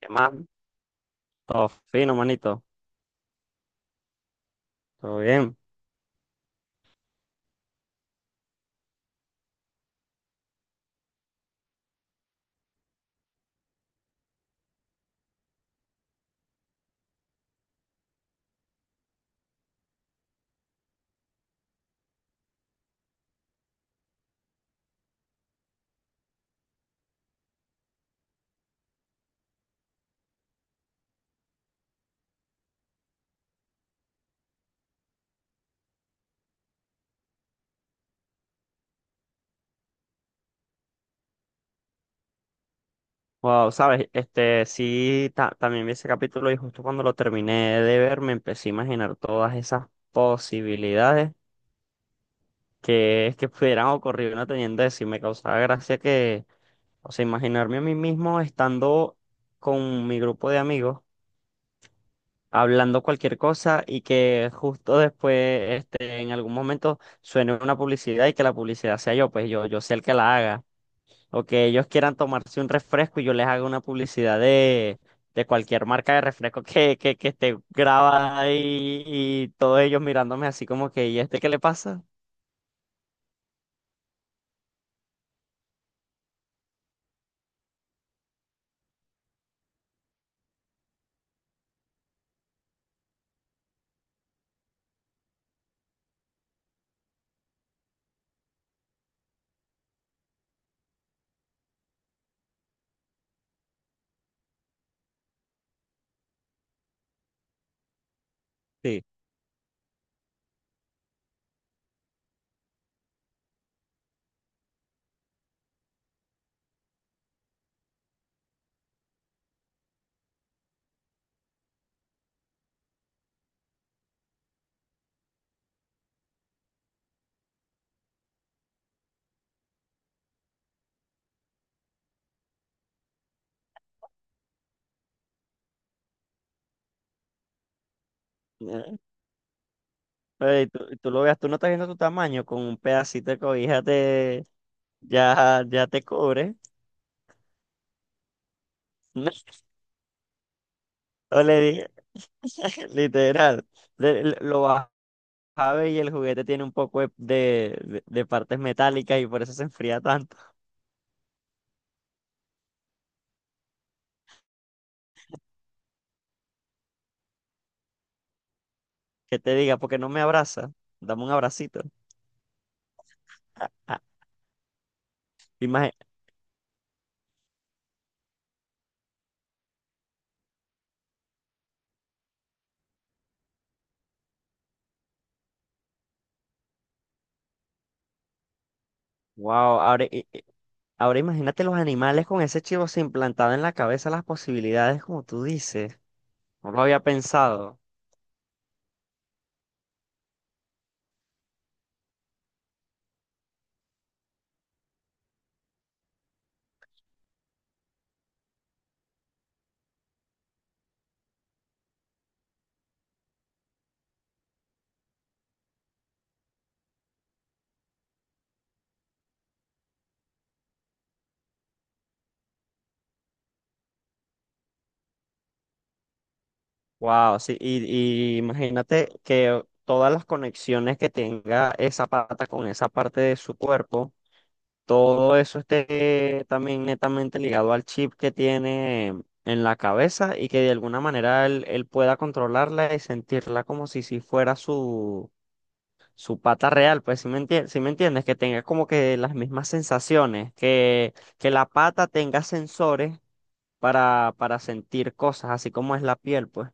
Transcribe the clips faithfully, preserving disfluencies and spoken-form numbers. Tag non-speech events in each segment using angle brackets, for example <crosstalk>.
¿Qué más? Todo fino, manito. Todo bien. Wow, sabes, este sí, ta- también vi ese capítulo y justo cuando lo terminé de ver me empecé a imaginar todas esas posibilidades que, es que pudieran ocurrir una teniendo eso y me causaba gracia que, o sea, imaginarme a mí mismo estando con mi grupo de amigos hablando cualquier cosa y que justo después, este, en algún momento suene una publicidad y que la publicidad sea yo, pues yo, yo sea el que la haga, o que ellos quieran tomarse un refresco y yo les haga una publicidad de, de cualquier marca de refresco que, que, que esté grabada y, y todos ellos mirándome así como que, ¿y este qué le pasa? Sí. Eh, pero y tú, y tú lo veas, tú no estás viendo tu tamaño, con un pedacito de cobija te, ya, ya te cubre. <laughs> O le dije, <laughs> literal, le- le- lo baja y el juguete tiene un poco de, de, de- de partes metálicas y por eso se enfría tanto. Que te diga, porque no me abraza, dame un abracito. Ah, imagi- wow, ahora, i- i- ahora imagínate los animales con ese chivo implantado en la cabeza, las posibilidades como tú dices. No lo había pensado. Wow, sí, y, y imagínate que todas las conexiones que tenga esa pata con esa parte de su cuerpo, todo eso esté también netamente ligado al chip que tiene en la cabeza y que de alguna manera él, él pueda controlarla y sentirla como si, si fuera su su pata real, pues si me entiendes, si me entiendes, que tenga como que las mismas sensaciones, que, que la pata tenga sensores para, para sentir cosas, así como es la piel, pues.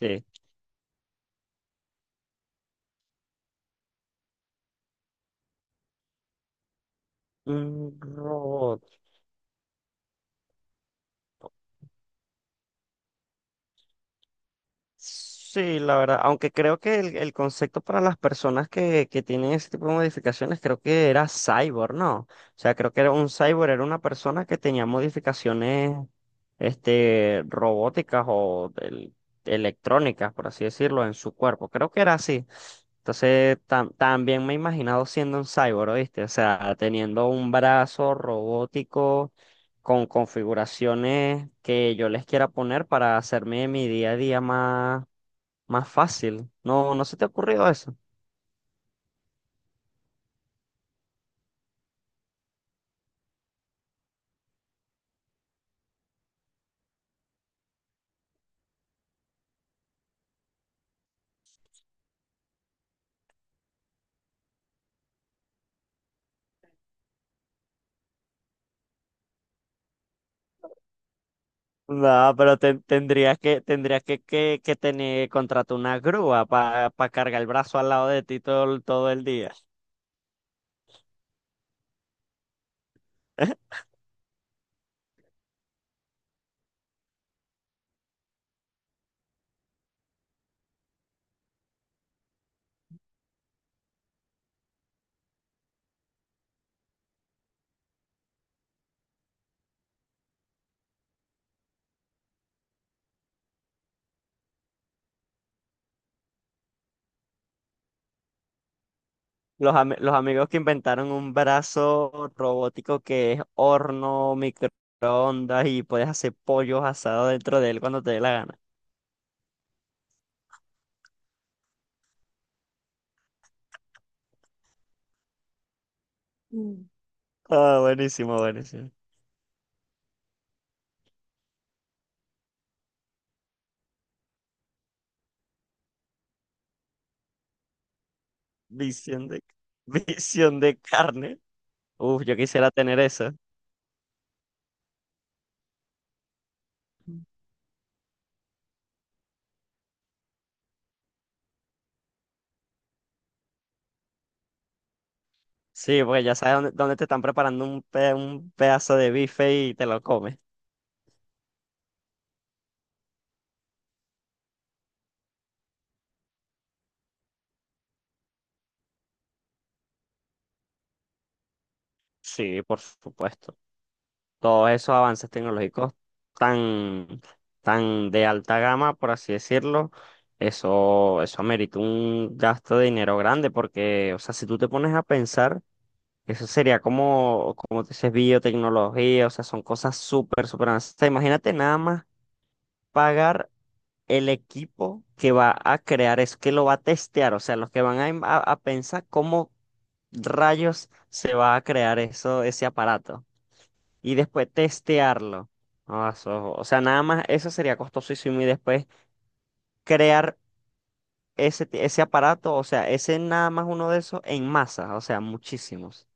Sí. Un robot. Sí, la verdad, aunque creo que el, el concepto para las personas que, que tienen ese tipo de modificaciones, creo que era cyborg, ¿no? O sea, creo que era un cyborg, era una persona que tenía modificaciones, este, robóticas o del- electrónicas, por así decirlo, en su cuerpo. Creo que era así. Entonces, tam- también me he imaginado siendo un cyborg, ¿oíste? O sea, teniendo un brazo robótico con configuraciones que yo les quiera poner para hacerme mi día a día más más fácil. No, no se te ha ocurrido eso. No, pero te- tendrías que, tendrías que, que, que tener, contratar una grúa para cargar el brazo al lado de ti todo, el- todo el día. <laughs> Los, ami- los amigos que inventaron un brazo robótico que es horno, microondas y puedes hacer pollos asados dentro de él cuando te dé la gana. Ah, buenísimo, buenísimo. Visión de, <laughs> visión de carne. Uf, yo quisiera tener eso. Sí, porque ya sabes dónde, dónde te están preparando un, pe- un pedazo de bife y te lo comes. Sí, por supuesto. Todos esos avances tecnológicos tan, tan de alta gama, por así decirlo, eso, eso amerita un gasto de dinero grande, porque, o sea, si tú te pones a pensar, eso sería como, como te dices, biotecnología, o sea, son cosas súper, súper avanzadas. Imagínate nada más pagar el equipo que va a crear es que lo va a testear, o sea, los que van a, im- a- a pensar cómo rayos se va a crear eso, ese aparato y después testearlo. Ah, eso- o sea, nada más eso sería costosísimo y después crear ese, t- ese aparato, o sea, ese nada más uno de esos en masa, o sea, muchísimos.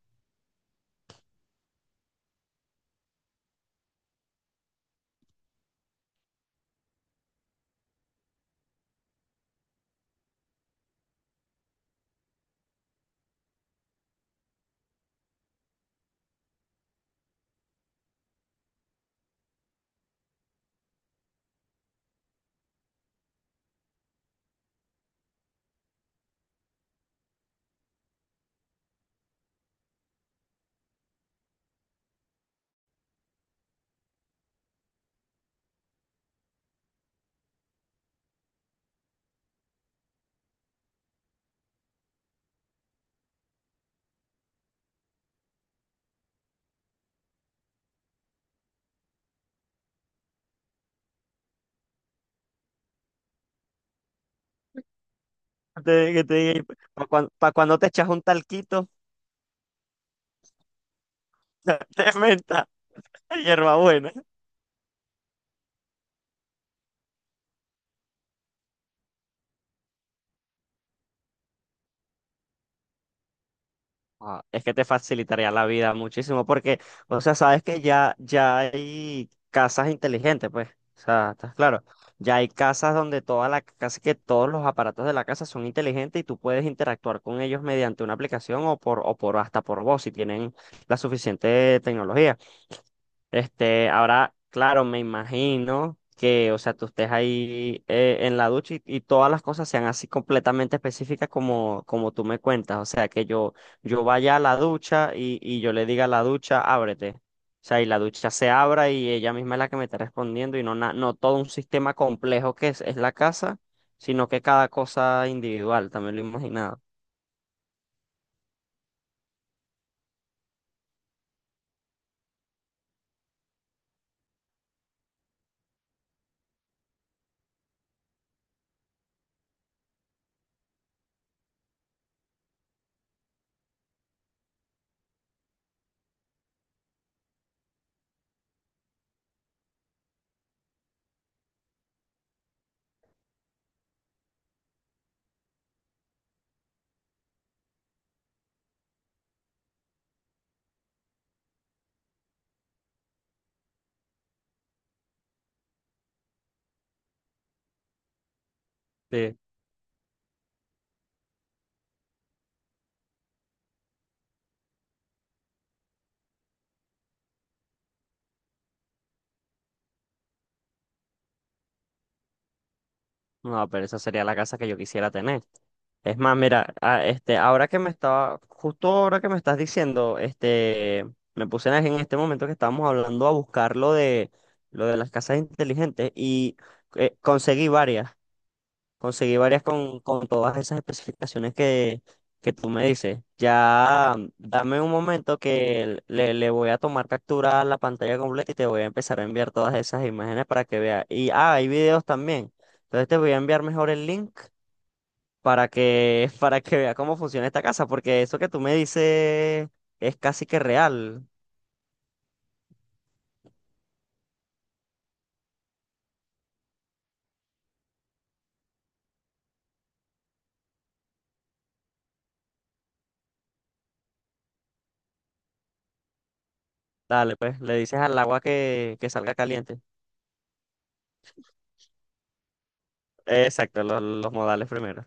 Te, que te para cuando, pa' cuando te echas un talquito <laughs> de menta, hierbabuena. Ah, es que te facilitaría la vida muchísimo porque, o sea, sabes que ya, ya hay casas inteligentes, pues, o sea, estás claro. Ya hay casas donde toda la, casi que todos los aparatos de la casa son inteligentes y tú puedes interactuar con ellos mediante una aplicación o por, o por hasta por voz si tienen la suficiente tecnología. Este, ahora, claro, me imagino que, o sea, tú estés ahí eh, en la ducha y, y todas las cosas sean así completamente específicas como, como tú me cuentas. O sea, que yo, yo vaya a la ducha y, y yo le diga a la ducha, ábrete. O sea, y la ducha se abra y ella misma es la que me está respondiendo y no, na- no todo un sistema complejo que es, es la casa, sino que cada cosa individual, también lo he imaginado. Sí. No, pero esa sería la casa que yo quisiera tener. Es más, mira, a- este, ahora que me estaba, justo ahora que me estás diciendo, este, me puse en en este momento que estábamos hablando a buscar lo de, lo de las casas inteligentes y eh, conseguí varias, conseguí varias con, con todas esas especificaciones que, que tú me dices. Ya, mm, dame un momento que le, le voy a tomar captura a la pantalla completa y te voy a empezar a enviar todas esas imágenes para que veas. Y, ah, hay videos también. Entonces te voy a enviar mejor el link para que, <laughs> para que vea cómo funciona esta casa, porque eso que tú me dices es casi que real. Dale, pues, le dices al agua que, que salga caliente. Exacto, los, los modales primero.